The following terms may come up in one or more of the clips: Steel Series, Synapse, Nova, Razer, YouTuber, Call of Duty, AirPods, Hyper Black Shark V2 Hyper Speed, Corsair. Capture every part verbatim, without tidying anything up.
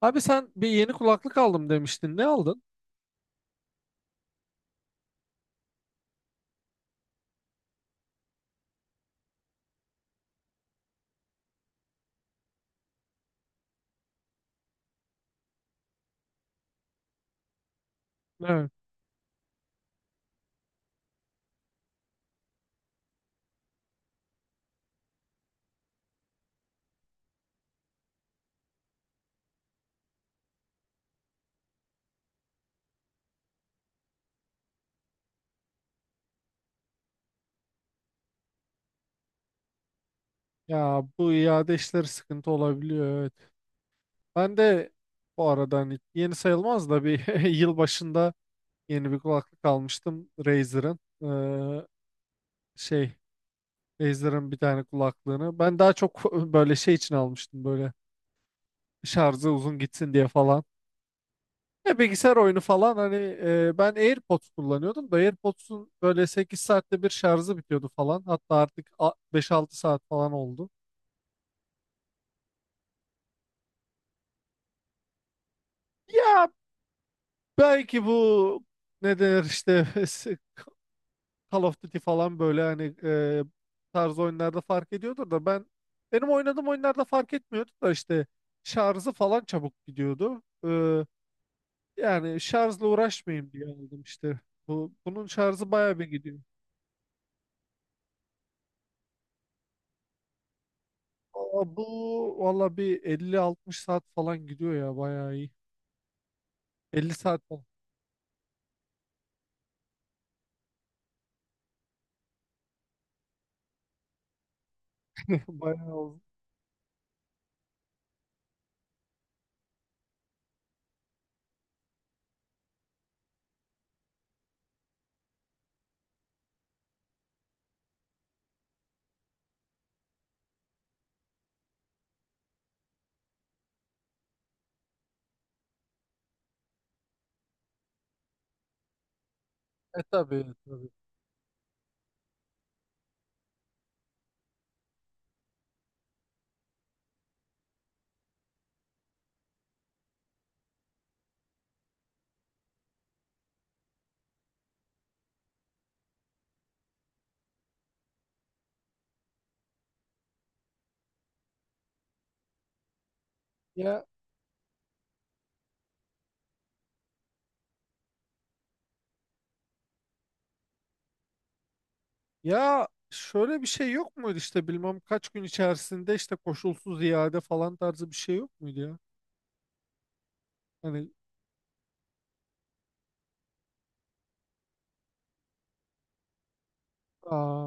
Abi sen bir yeni kulaklık aldım demiştin. Ne aldın? Evet. Ya bu iade işleri sıkıntı olabiliyor, evet. Ben de bu arada hani yeni sayılmaz da bir yıl başında yeni bir kulaklık almıştım Razer'ın. Ee, şey Razer'ın bir tane kulaklığını. Ben daha çok böyle şey için almıştım, böyle şarjı uzun gitsin diye falan. Ya bilgisayar oyunu falan hani e, ben AirPods kullanıyordum da AirPods'un böyle sekiz saatte bir şarjı bitiyordu falan. Hatta artık a- beş altı saat falan oldu. Ya belki bu, ne denir işte, Call of Duty falan, böyle hani e, tarz oyunlarda fark ediyordur da ben benim oynadığım oyunlarda fark etmiyordu da işte şarjı falan çabuk gidiyordu. E, yani şarjla uğraşmayayım diye aldım işte. Bu, bunun şarjı bayağı bir gidiyor. Aa, bu valla bir elli altmış saat falan gidiyor ya, bayağı iyi. elli saat falan. Bayağı oldu. E tabii tabii. Ya Ya şöyle bir şey yok muydu işte, bilmem kaç gün içerisinde işte koşulsuz iade falan tarzı bir şey yok muydu ya? Hani aa,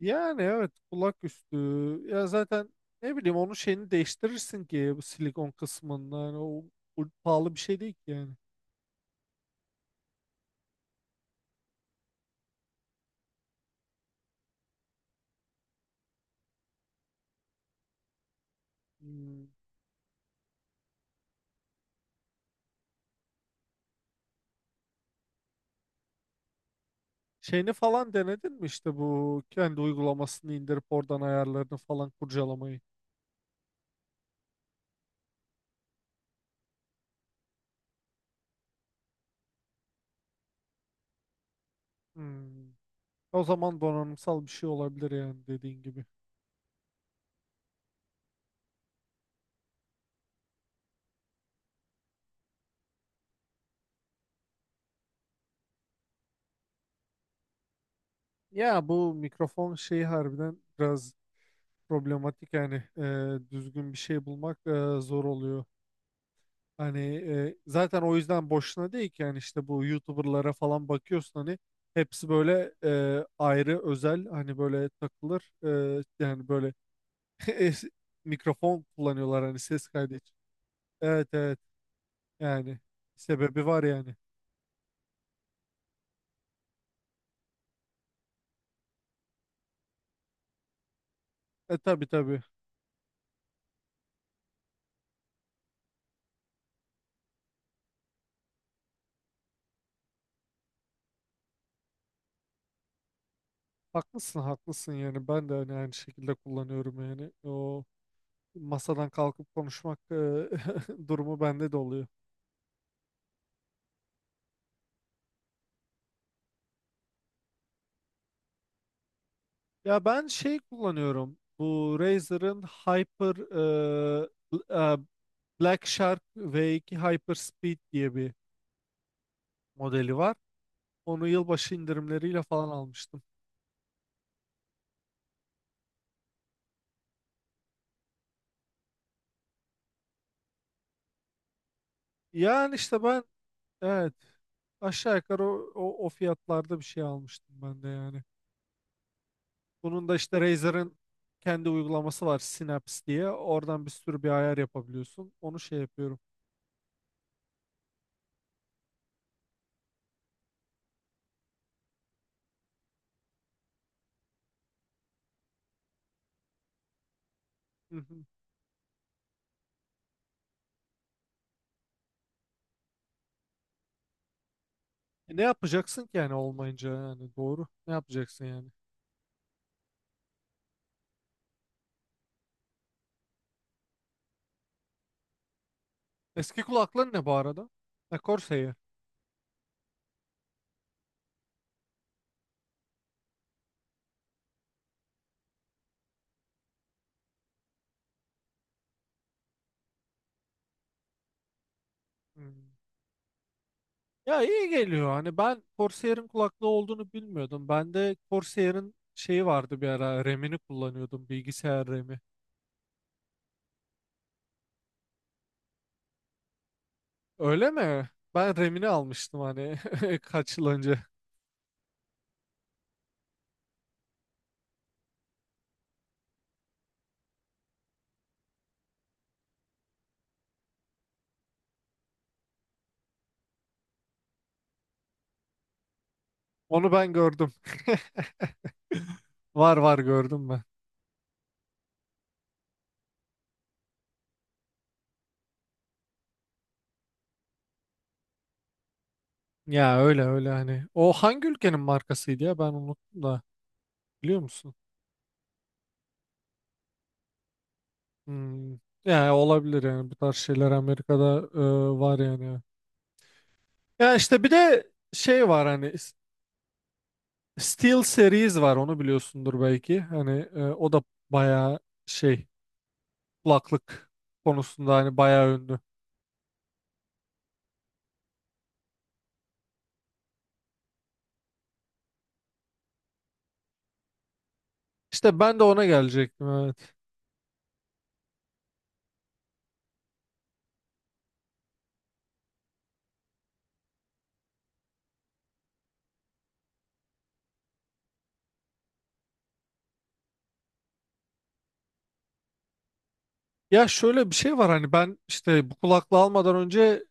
yani evet, kulak üstü, ya zaten ne bileyim, onun şeyini değiştirirsin ki, bu silikon kısmında yani o, bu pahalı bir şey değil ki yani. Hmm. Şeyini falan denedin mi işte, bu kendi uygulamasını indirip oradan ayarlarını falan kurcalamayı? Hmm. O zaman donanımsal bir şey olabilir yani, dediğin gibi. Ya bu mikrofon şeyi harbiden biraz problematik yani, e, düzgün bir şey bulmak e, zor oluyor. Hani e, zaten o yüzden boşuna değil ki yani, işte bu YouTuber'lara falan bakıyorsun hani, hepsi böyle e, ayrı özel, hani böyle takılır e, yani, böyle es- mikrofon kullanıyorlar hani, ses kaydı için. Evet evet, yani sebebi var yani. E tabii tabii, haklısın haklısın, yani ben de hani aynı şekilde kullanıyorum, yani o masadan kalkıp konuşmak e, durumu bende de oluyor. Ya ben şey kullanıyorum. Bu Razer'ın Hyper e, e, Black Shark V iki Hyper Speed diye bir modeli var. Onu yılbaşı indirimleriyle falan almıştım. Yani işte ben, evet, aşağı yukarı o, o, o fiyatlarda bir şey almıştım ben de yani. Bunun da işte Razer'ın kendi uygulaması var, Synapse diye. Oradan bir sürü bir ayar yapabiliyorsun. Onu şey yapıyorum. Hı hı. E ne yapacaksın ki yani olmayınca, yani doğru. Ne yapacaksın yani? Eski kulaklığın ne bu arada? Ha, Corsair. Hmm. Ya iyi geliyor. Hani ben Corsair'in kulaklığı olduğunu bilmiyordum. Ben de, Corsair'in şeyi vardı bir ara. RAM'ini kullanıyordum. Bilgisayar RAM'i. Öyle mi? Ben RAM'ini almıştım hani kaç yıl önce. Onu ben gördüm. Var var, gördüm ben. Ya öyle öyle hani. O hangi ülkenin markasıydı ya, ben unuttum da. Biliyor musun? Hmm. Ya olabilir yani, bu tarz şeyler Amerika'da e, var yani. Ya işte bir de şey var hani, Steel Series var, onu biliyorsundur belki. Hani e, o da bayağı şey, kulaklık konusunda hani bayağı ünlü. İşte ben de ona gelecektim, evet. Ya şöyle bir şey var hani, ben işte bu kulaklığı almadan önce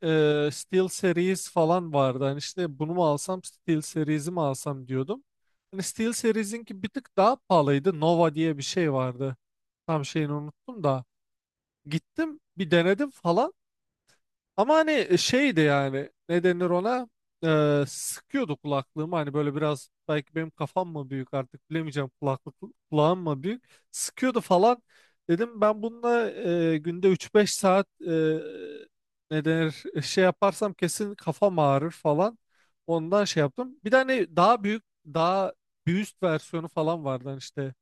e, Steel Series falan vardı. Hani işte, bunu mu alsam Steel Series'i mi alsam diyordum. Hani Steel Series'inki bir tık daha pahalıydı. Nova diye bir şey vardı. Tam şeyini unuttum da. Gittim bir denedim falan. Ama hani e, şeydi yani, ne denir ona. Ee, sıkıyordu kulaklığımı, hani böyle biraz, belki benim kafam mı büyük artık bilemeyeceğim, kulaklık, kulağım mı büyük, sıkıyordu falan, dedim ben bununla e, günde üç beş saat e, ne denir e, şey yaparsam kesin kafam ağrır falan, ondan şey yaptım. Bir de hani daha büyük, daha bir üst versiyonu falan vardı hani işte.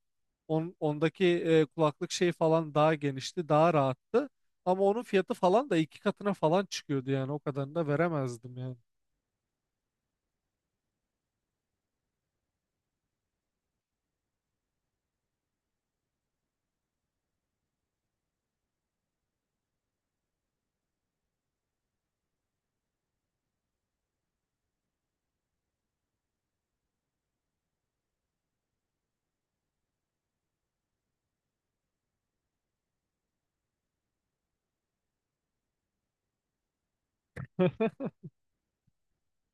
On, ondaki e, kulaklık şey falan daha genişti, daha rahattı. Ama onun fiyatı falan da iki katına falan çıkıyordu, yani o kadarını da veremezdim yani.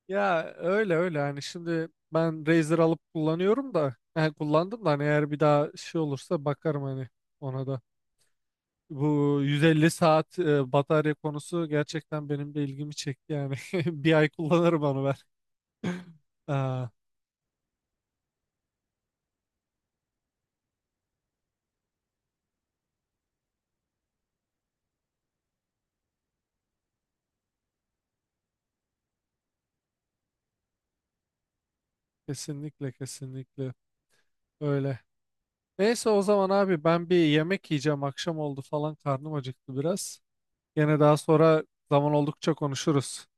Ya öyle öyle yani, şimdi ben Razer alıp kullanıyorum da, yani kullandım da, hani eğer bir daha şey olursa bakarım hani ona da. Bu yüz elli saat e, batarya konusu gerçekten benim de ilgimi çekti yani. Bir ay kullanırım onu ben. Aa, kesinlikle kesinlikle öyle. Neyse, o zaman abi ben bir yemek yiyeceğim. Akşam oldu falan, karnım acıktı biraz. Yine daha sonra, zaman oldukça konuşuruz.